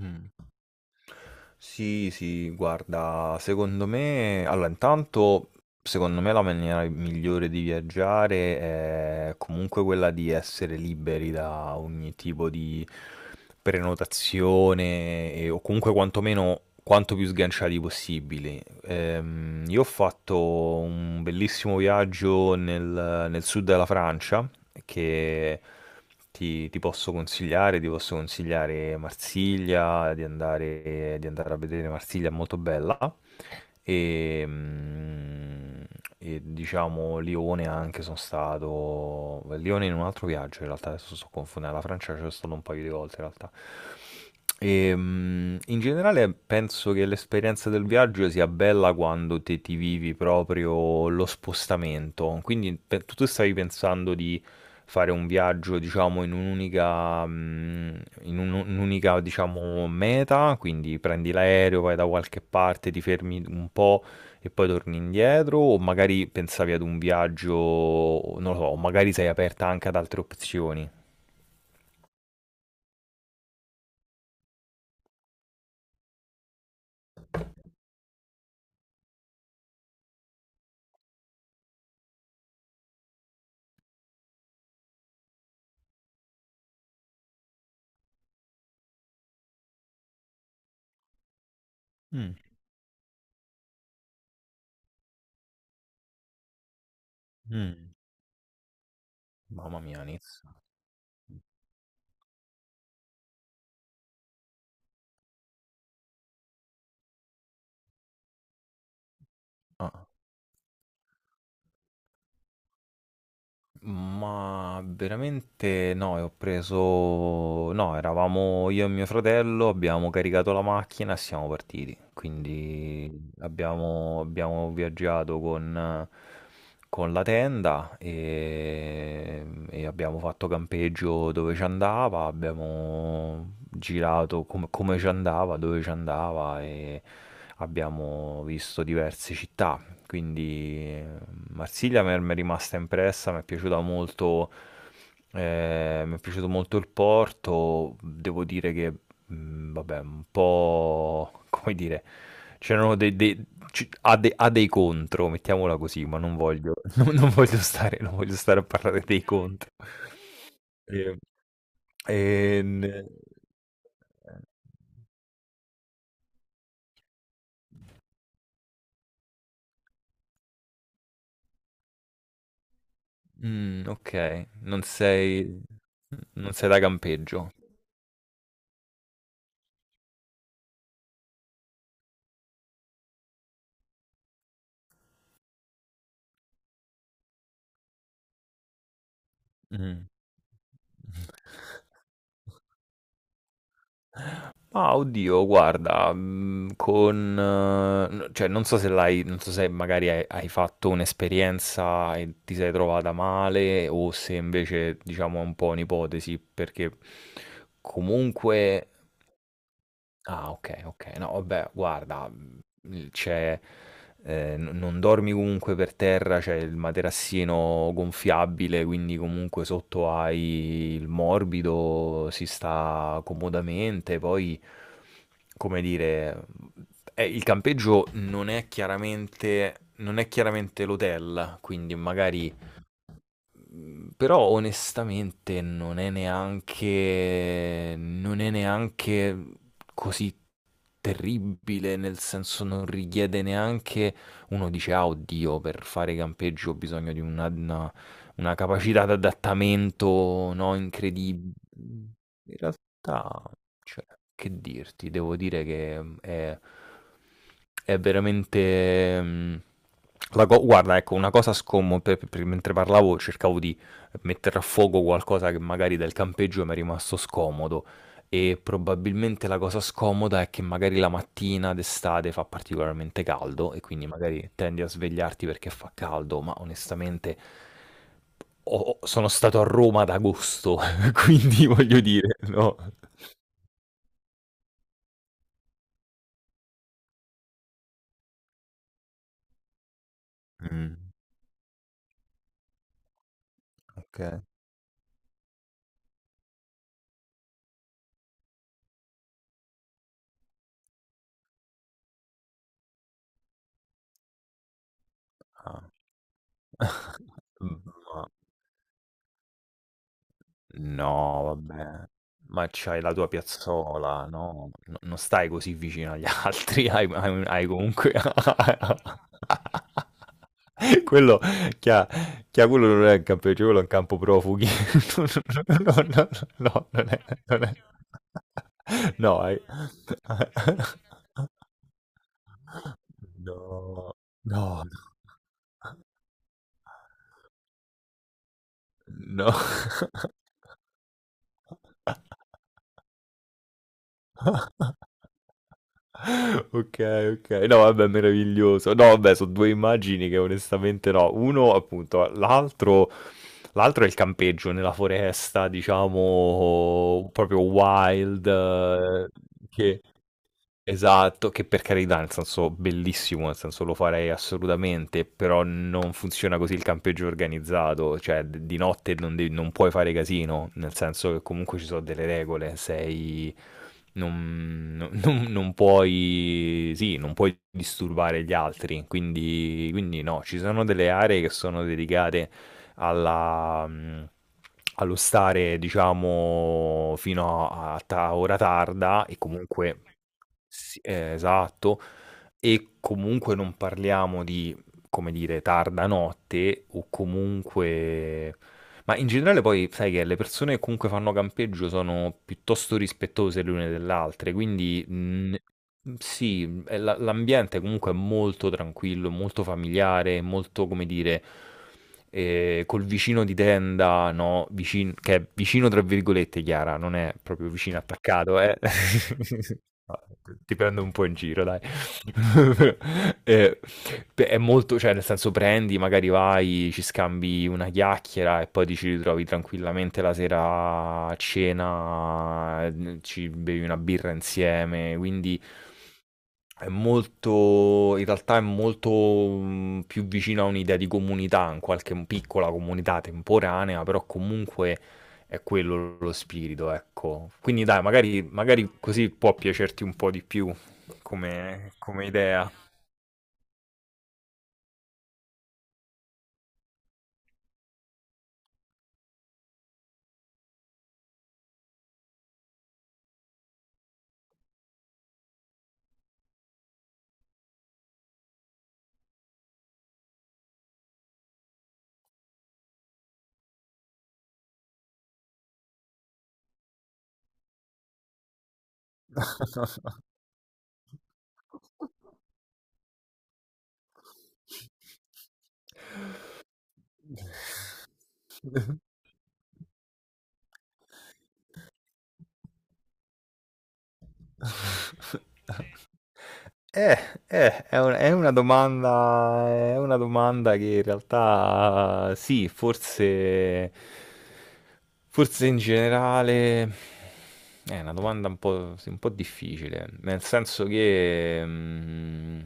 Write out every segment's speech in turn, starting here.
Mh. Sì, sì, guarda, secondo me la maniera migliore di viaggiare è comunque quella di essere liberi da ogni tipo di prenotazione o comunque quantomeno quanto più sganciati possibili. Io ho fatto un bellissimo viaggio nel sud della Francia che ti posso consigliare Marsiglia, di andare a vedere Marsiglia, è molto bella. E, mm, e diciamo Lione anche sono stato. Lione in un altro viaggio in realtà, adesso sto confondendo. La Francia ci sono stato un paio di volte in realtà. E in generale penso che l'esperienza del viaggio sia bella quando te ti vivi proprio lo spostamento. Quindi tu stavi pensando di fare un viaggio, diciamo, in un'unica, mm, in un- un'unica, diciamo, meta, quindi prendi l'aereo, vai da qualche parte, ti fermi un po' e poi torni indietro, o magari pensavi ad un viaggio, non lo so, o magari sei aperta anche ad altre opzioni. Mm, mm. Mamma mia, Nizza. Ah. Ma veramente no, no, eravamo io e mio fratello, abbiamo caricato la macchina e siamo partiti. Quindi abbiamo viaggiato con la tenda e abbiamo fatto campeggio dove ci andava, abbiamo girato come ci andava, dove ci andava e abbiamo visto diverse città. Quindi Marsiglia mi è rimasta impressa, mi è piaciuta molto, mi è piaciuto molto il porto, devo dire che, vabbè, un po', come dire, c'erano ha dei contro, mettiamola così, ma non voglio, non voglio stare a parlare dei contro. E- e- n- ok, non sei da campeggio. Mm. Ah, oddio, guarda, cioè, non so se magari hai fatto un'esperienza e ti sei trovata male o se invece, diciamo, è un po' un'ipotesi, perché comunque... Ah, ok, ok, no, vabbè, guarda, Mhmm, c'è n non dormi comunque per terra, c'è il materassino gonfiabile, quindi comunque sotto hai il morbido, si sta comodamente. Poi, come dire, il campeggio non è chiaramente l'hotel, quindi magari mhmm, però onestamente non è neanche così terribile, nel senso non richiede neanche uno dice, ah, oddio, per fare campeggio ho bisogno di una capacità di adattamento, no, incredibile. In realtà, cioè, che dirti, devo dire che è veramente... guarda, ecco, una cosa scomoda, mentre parlavo cercavo di mettere a fuoco qualcosa che magari del campeggio mi è rimasto scomodo. E probabilmente la cosa scomoda è che magari la mattina d'estate fa particolarmente caldo e quindi magari tendi a svegliarti perché fa caldo, ma onestamente sono stato a Roma ad agosto, quindi voglio dire, no. Mh, okay. Ah. Ma no, vabbè. Ma c'hai la tua piazzola, no, no non stai così vicino agli altri, hai comunque Quello, chia chia quello non è un campeggio, quello è un campo profughi. No, no, no, no, non è no, hai no, no, no. Ok, ok. No, vabbè, meraviglioso. No, vabbè, sono due immagini che onestamente no. Uno, appunto, l'altro è il campeggio nella foresta, diciamo, proprio wild, che... esatto, che per carità, nel senso bellissimo, nel senso lo farei assolutamente, però non funziona così il campeggio organizzato, cioè di notte non puoi fare casino, nel senso che comunque ci sono delle regole, sei... non puoi disturbare gli altri, quindi, quindi no, ci sono delle aree che sono dedicate alla... mh, allo stare, diciamo, fino ora tarda e comunque sì, esatto. E comunque non parliamo di, come dire, tarda notte o comunque... Ma in generale poi sai che le persone che comunque fanno campeggio sono piuttosto rispettose le une delle altre, quindi sì, l'ambiente comunque è molto tranquillo, molto familiare, molto, come dire, col vicino di tenda, no? Che è vicino tra virgolette, Chiara, non è proprio vicino attaccato, eh? Ah, ti prendo un po' in giro, dai. Eh, beh, è molto, cioè, nel senso, prendi, magari vai, ci scambi una chiacchiera e poi ti ci ritrovi tranquillamente la sera a cena, ci bevi una birra insieme. Quindi, è molto, in realtà è molto più vicino a un'idea di comunità, in qualche piccola comunità temporanea, però comunque è quello lo spirito, ecco. Quindi dai, magari così può piacerti un po' di più come idea. Sì. Eh, è una domanda che in realtà sì, forse in generale è una domanda un po', sì, un po' difficile, nel senso che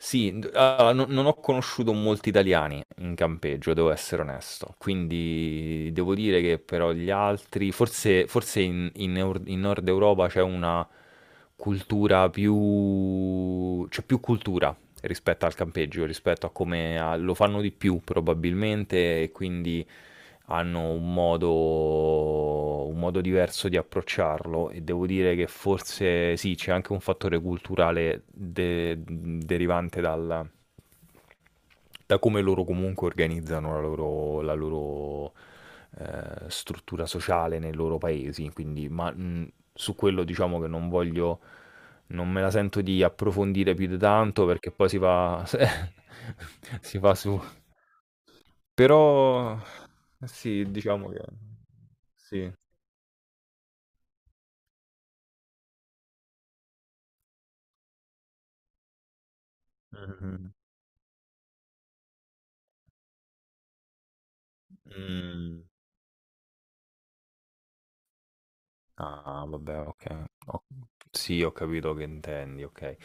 sì, allora, non ho conosciuto molti italiani in campeggio, devo essere onesto, quindi devo dire che però gli altri, forse in Nord Europa c'è una cultura più, c'è più cultura, rispetto al campeggio, rispetto a come lo fanno di più probabilmente e quindi hanno un modo diverso di approcciarlo e devo dire che forse sì, c'è anche un fattore culturale derivante dalla da come loro comunque organizzano la loro struttura sociale nei loro paesi, quindi su quello diciamo che non voglio, non me la sento di approfondire più di tanto perché poi si va su. Però sì, diciamo che sì. Mhm. Mm. Ah, vabbè, ok. Sì, ho capito che intendi, ok.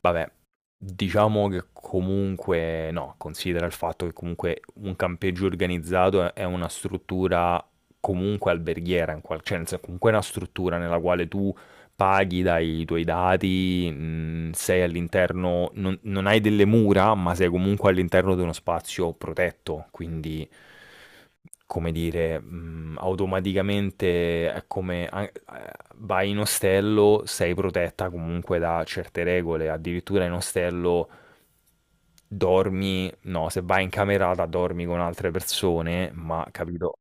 Vabbè, diciamo che comunque, no, considera il fatto che comunque un campeggio organizzato è una struttura comunque alberghiera, cioè nel senso, comunque è una struttura nella quale tu paghi, dai i tuoi dati, sei all'interno, non hai delle mura, ma sei comunque all'interno di uno spazio protetto, quindi come dire, automaticamente è come vai in ostello, sei protetta comunque da certe regole, addirittura in ostello dormi, no, se vai in camerata dormi con altre persone, ma capito?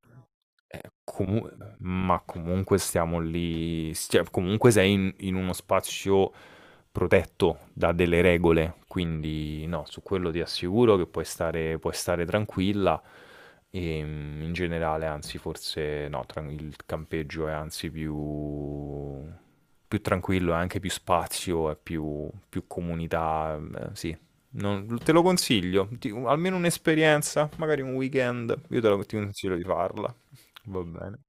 Comu ma comunque stiamo lì s cioè comunque sei in in uno spazio protetto da delle regole, quindi no, su quello ti assicuro che puoi stare tranquilla. In generale anzi forse no, tran il campeggio è anzi più tranquillo, è anche più spazio, è più comunità, sì. Non te lo consiglio, ti almeno un'esperienza, magari un weekend, io te lo ti consiglio di farla. Va bene.